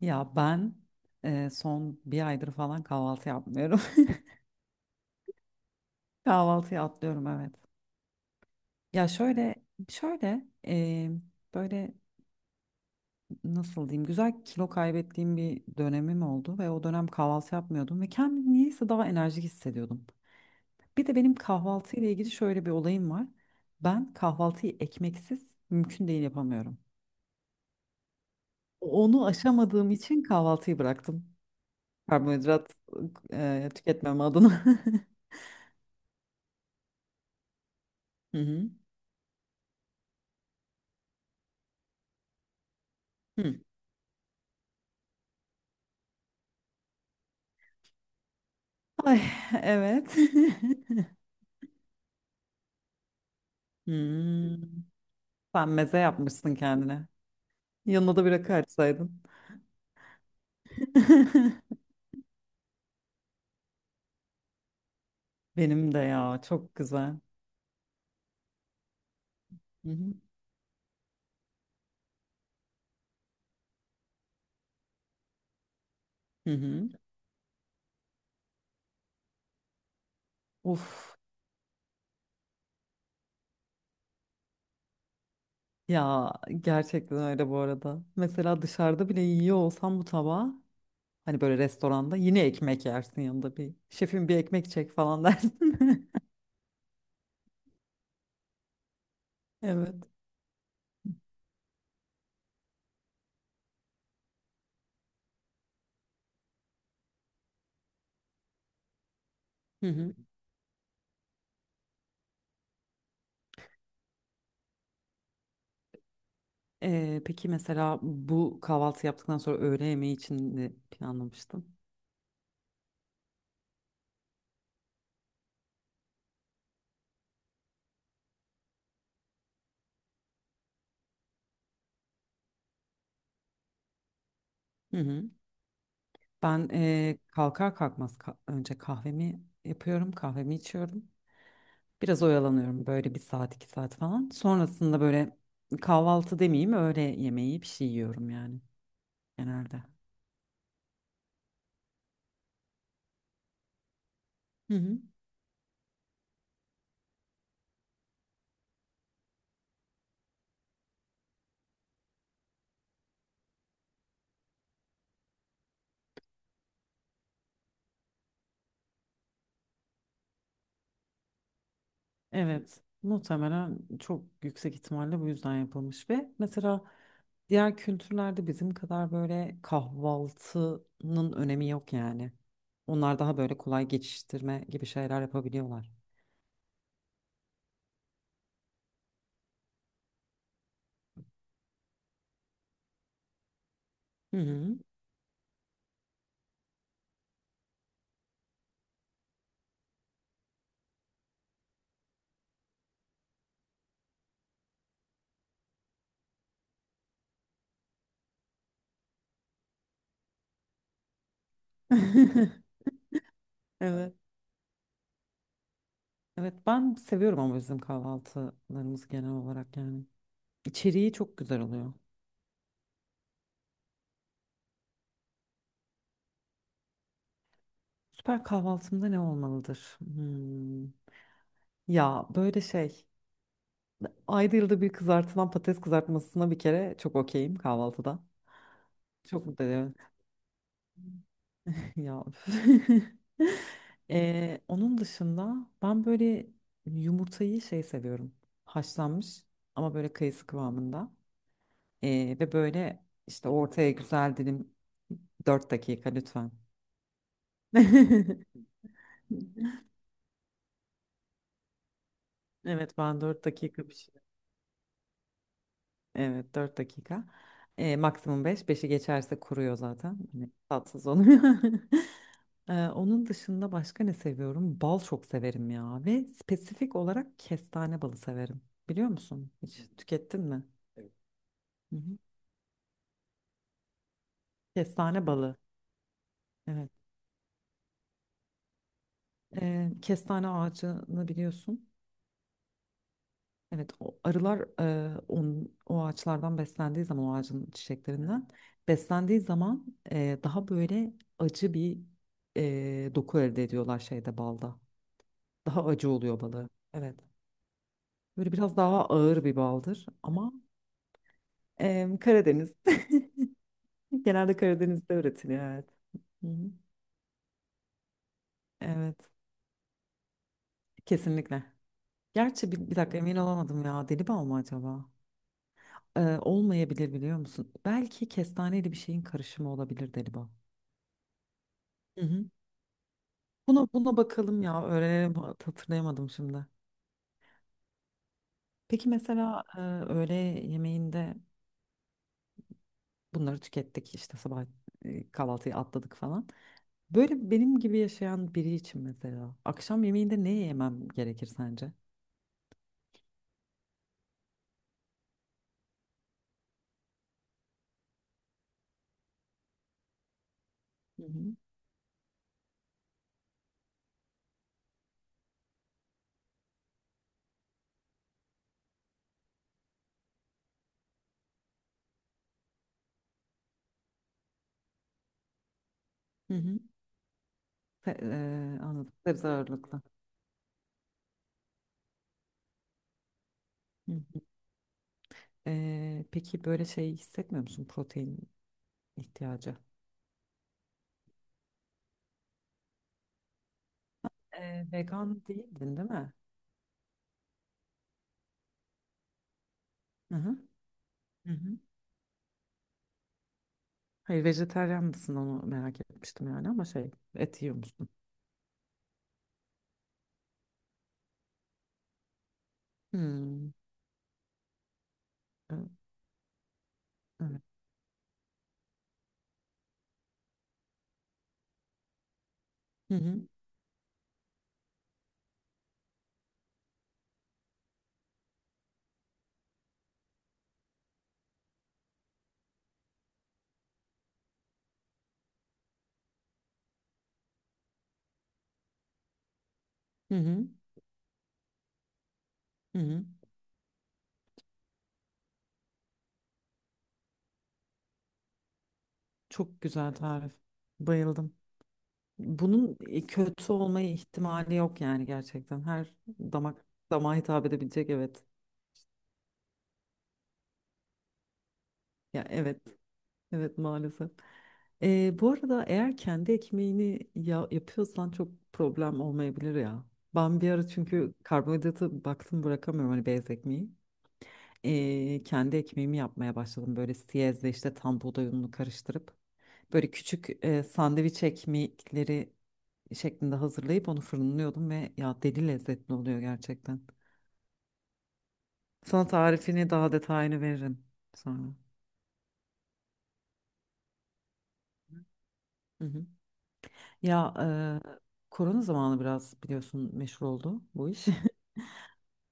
Ya ben son bir aydır falan kahvaltı yapmıyorum. Kahvaltıyı atlıyorum, evet. Ya şöyle böyle nasıl diyeyim, güzel kilo kaybettiğim bir dönemim oldu ve o dönem kahvaltı yapmıyordum ve kendimi niyeyse daha enerjik hissediyordum. Bir de benim kahvaltı ile ilgili şöyle bir olayım var. Ben kahvaltıyı ekmeksiz mümkün değil yapamıyorum. Onu aşamadığım için kahvaltıyı bıraktım. Karbonhidrat tüketmem adına. Hı hı. Hı. Ay, evet. Hmm, Sen meze yapmışsın kendine. Yanına da bir rakı açsaydın. Benim de ya çok güzel. Hı hı. Hı hı. Uf ya, gerçekten öyle bu arada. Mesela dışarıda bile yiyor olsam bu tabağı, hani böyle restoranda yine ekmek yersin yanında, bir şefim bir ekmek çek falan dersin. Evet. Hı hı. Peki mesela bu kahvaltı yaptıktan sonra öğle yemeği için ne planlamıştın? Hı hı. Ben kalkar kalkmaz önce kahvemi yapıyorum, kahvemi içiyorum. Biraz oyalanıyorum böyle bir saat iki saat falan. Sonrasında böyle, kahvaltı demeyeyim öğle yemeği, bir şey yiyorum yani genelde. Hı hı. Evet, muhtemelen çok yüksek ihtimalle bu yüzden yapılmış ve mesela diğer kültürlerde bizim kadar böyle kahvaltının önemi yok yani. Onlar daha böyle kolay geçiştirme gibi şeyler yapabiliyorlar. Hı hı. Evet. Evet, ben seviyorum ama bizim kahvaltılarımız genel olarak yani. İçeriği çok güzel oluyor. Süper kahvaltımda ne olmalıdır? Hmm. Ya böyle şey. Ayda yılda bir kızartılan patates kızartmasına bir kere çok okeyim kahvaltıda. Çok mutlu ediyorum. Ya. Üf. Onun dışında ben böyle yumurtayı şey seviyorum. Haşlanmış ama böyle kayısı kıvamında. Ve böyle işte ortaya güzel dilim, 4 dakika lütfen. Evet, ben 4 dakika bir şey. Evet, 4 dakika. Maksimum beş, beşi geçerse kuruyor zaten. Hani tatsız oluyor. Onun dışında başka ne seviyorum? Bal çok severim ya. Ve spesifik olarak kestane balı severim. Biliyor musun? Hiç tükettin mi? Hı hı. Kestane balı. Evet. Kestane ağacını biliyorsun. Evet, o arılar o ağaçlardan beslendiği zaman o ağacın çiçeklerinden beslendiği zaman daha böyle acı bir doku elde ediyorlar şeyde, balda. Daha acı oluyor balı. Evet. Böyle biraz daha ağır bir baldır ama e, Karadeniz genelde Karadeniz'de üretiliyor, evet. Hı hı. Evet, kesinlikle. Gerçi bir dakika emin olamadım ya, deli bal mı acaba? Olmayabilir, biliyor musun? Belki kestaneyle bir şeyin karışımı olabilir deli bal. Hı hı. Buna bakalım ya, öğrenelim, hatırlayamadım şimdi. Peki mesela öğle yemeğinde bunları tükettik işte, sabah kahvaltıyı atladık falan. Böyle benim gibi yaşayan biri için mesela akşam yemeğinde ne yemem gerekir sence? Hı hı. Hı hı. Se- anladım. Sebze ağırlıklı. Hı hı. Peki böyle şey hissetmiyor musun, protein ihtiyacı? Vegan değildin değil mi? Hı hı. Hı hı. Hayır, vejetaryen mısın, onu merak etmiştim yani ama şey, et yiyor musun? Hmm. e- Evet. Hı hı. Hı hı. Hı hı. Çok güzel tarif. Bayıldım. Bunun kötü olma ihtimali yok yani gerçekten. Her damak damağa hitap edebilecek, evet. Ya evet. Evet, maalesef. Bu arada eğer kendi ekmeğini ya yapıyorsan çok problem olmayabilir ya. Ben bir ara çünkü karbonhidratı baktım bırakamıyorum hani beyaz ekmeği. Kendi ekmeğimi yapmaya başladım böyle siyezle işte tam buğday ununu karıştırıp böyle küçük sandviç ekmekleri şeklinde hazırlayıp onu fırınlıyordum ve ya deli lezzetli oluyor gerçekten. Sana tarifini, daha detayını veririm sonra. Hı hı. Ya korona zamanı biraz biliyorsun, meşhur oldu bu iş.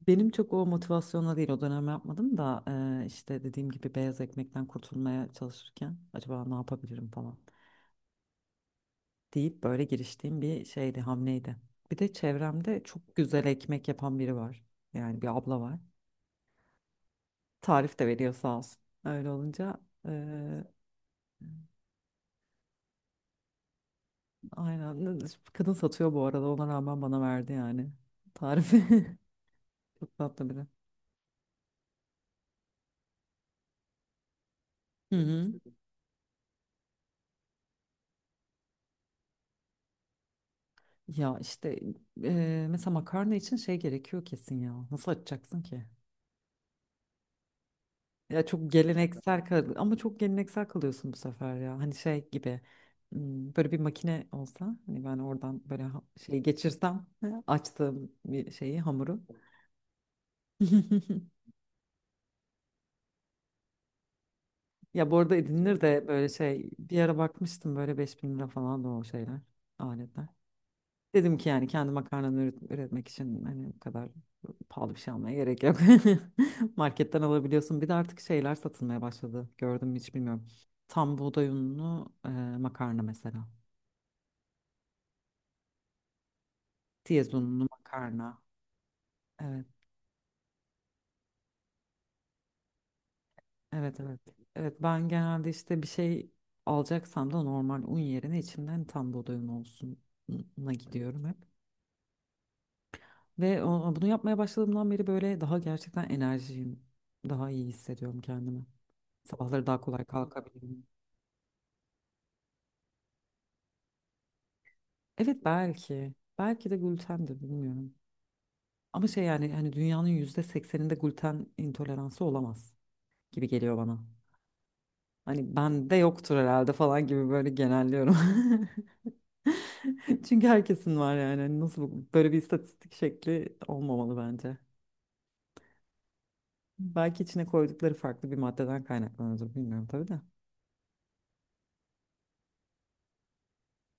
Benim çok o motivasyonla değil o dönem yapmadım da işte dediğim gibi beyaz ekmekten kurtulmaya çalışırken acaba ne yapabilirim falan deyip böyle giriştiğim bir şeydi, hamleydi. Bir de çevremde çok güzel ekmek yapan biri var. Yani bir abla var. Tarif de veriyor, sağ olsun. Öyle olunca eee, aynen, kadın satıyor bu arada, ona rağmen bana verdi yani tarifi. Çok tatlı biri. Hı hı. Ya işte mesela makarna için şey gerekiyor kesin ya. Nasıl açacaksın ki? Ya çok geleneksel kal ama çok geleneksel kalıyorsun bu sefer ya. Hani şey gibi, böyle bir makine olsa hani ben oradan böyle şey geçirsem, ha, açtığım bir şeyi, hamuru. Ya bu arada edinilir de böyle şey, bir ara bakmıştım böyle 5000 lira falan da o şeyler, aletler. Dedim ki yani kendi makarnamı üretmek için hani bu kadar pahalı bir şey almaya gerek yok. Marketten alabiliyorsun. Bir de artık şeyler satılmaya başladı. Gördüm mü hiç bilmiyorum. Tam buğday unlu makarna mesela. Tiyaz unlu makarna. Evet, evet, evet. Evet, ben genelde işte bir şey alacaksam da normal un yerine içinden tam buğday unu olsun'a gidiyorum hep. Ve bunu yapmaya başladığımdan beri böyle daha gerçekten enerjiyim. Daha iyi hissediyorum kendimi. Sabahları daha kolay kalkabilirim. Evet belki. Belki de glutendir, bilmiyorum. Ama şey yani hani dünyanın %80'inde gluten intoleransı olamaz gibi geliyor bana. Hani bende yoktur herhalde falan gibi böyle genelliyorum. Çünkü herkesin var yani. Hani nasıl böyle bir istatistik şekli olmamalı bence. Belki içine koydukları farklı bir maddeden kaynaklanıyordur, bilmiyorum tabii de.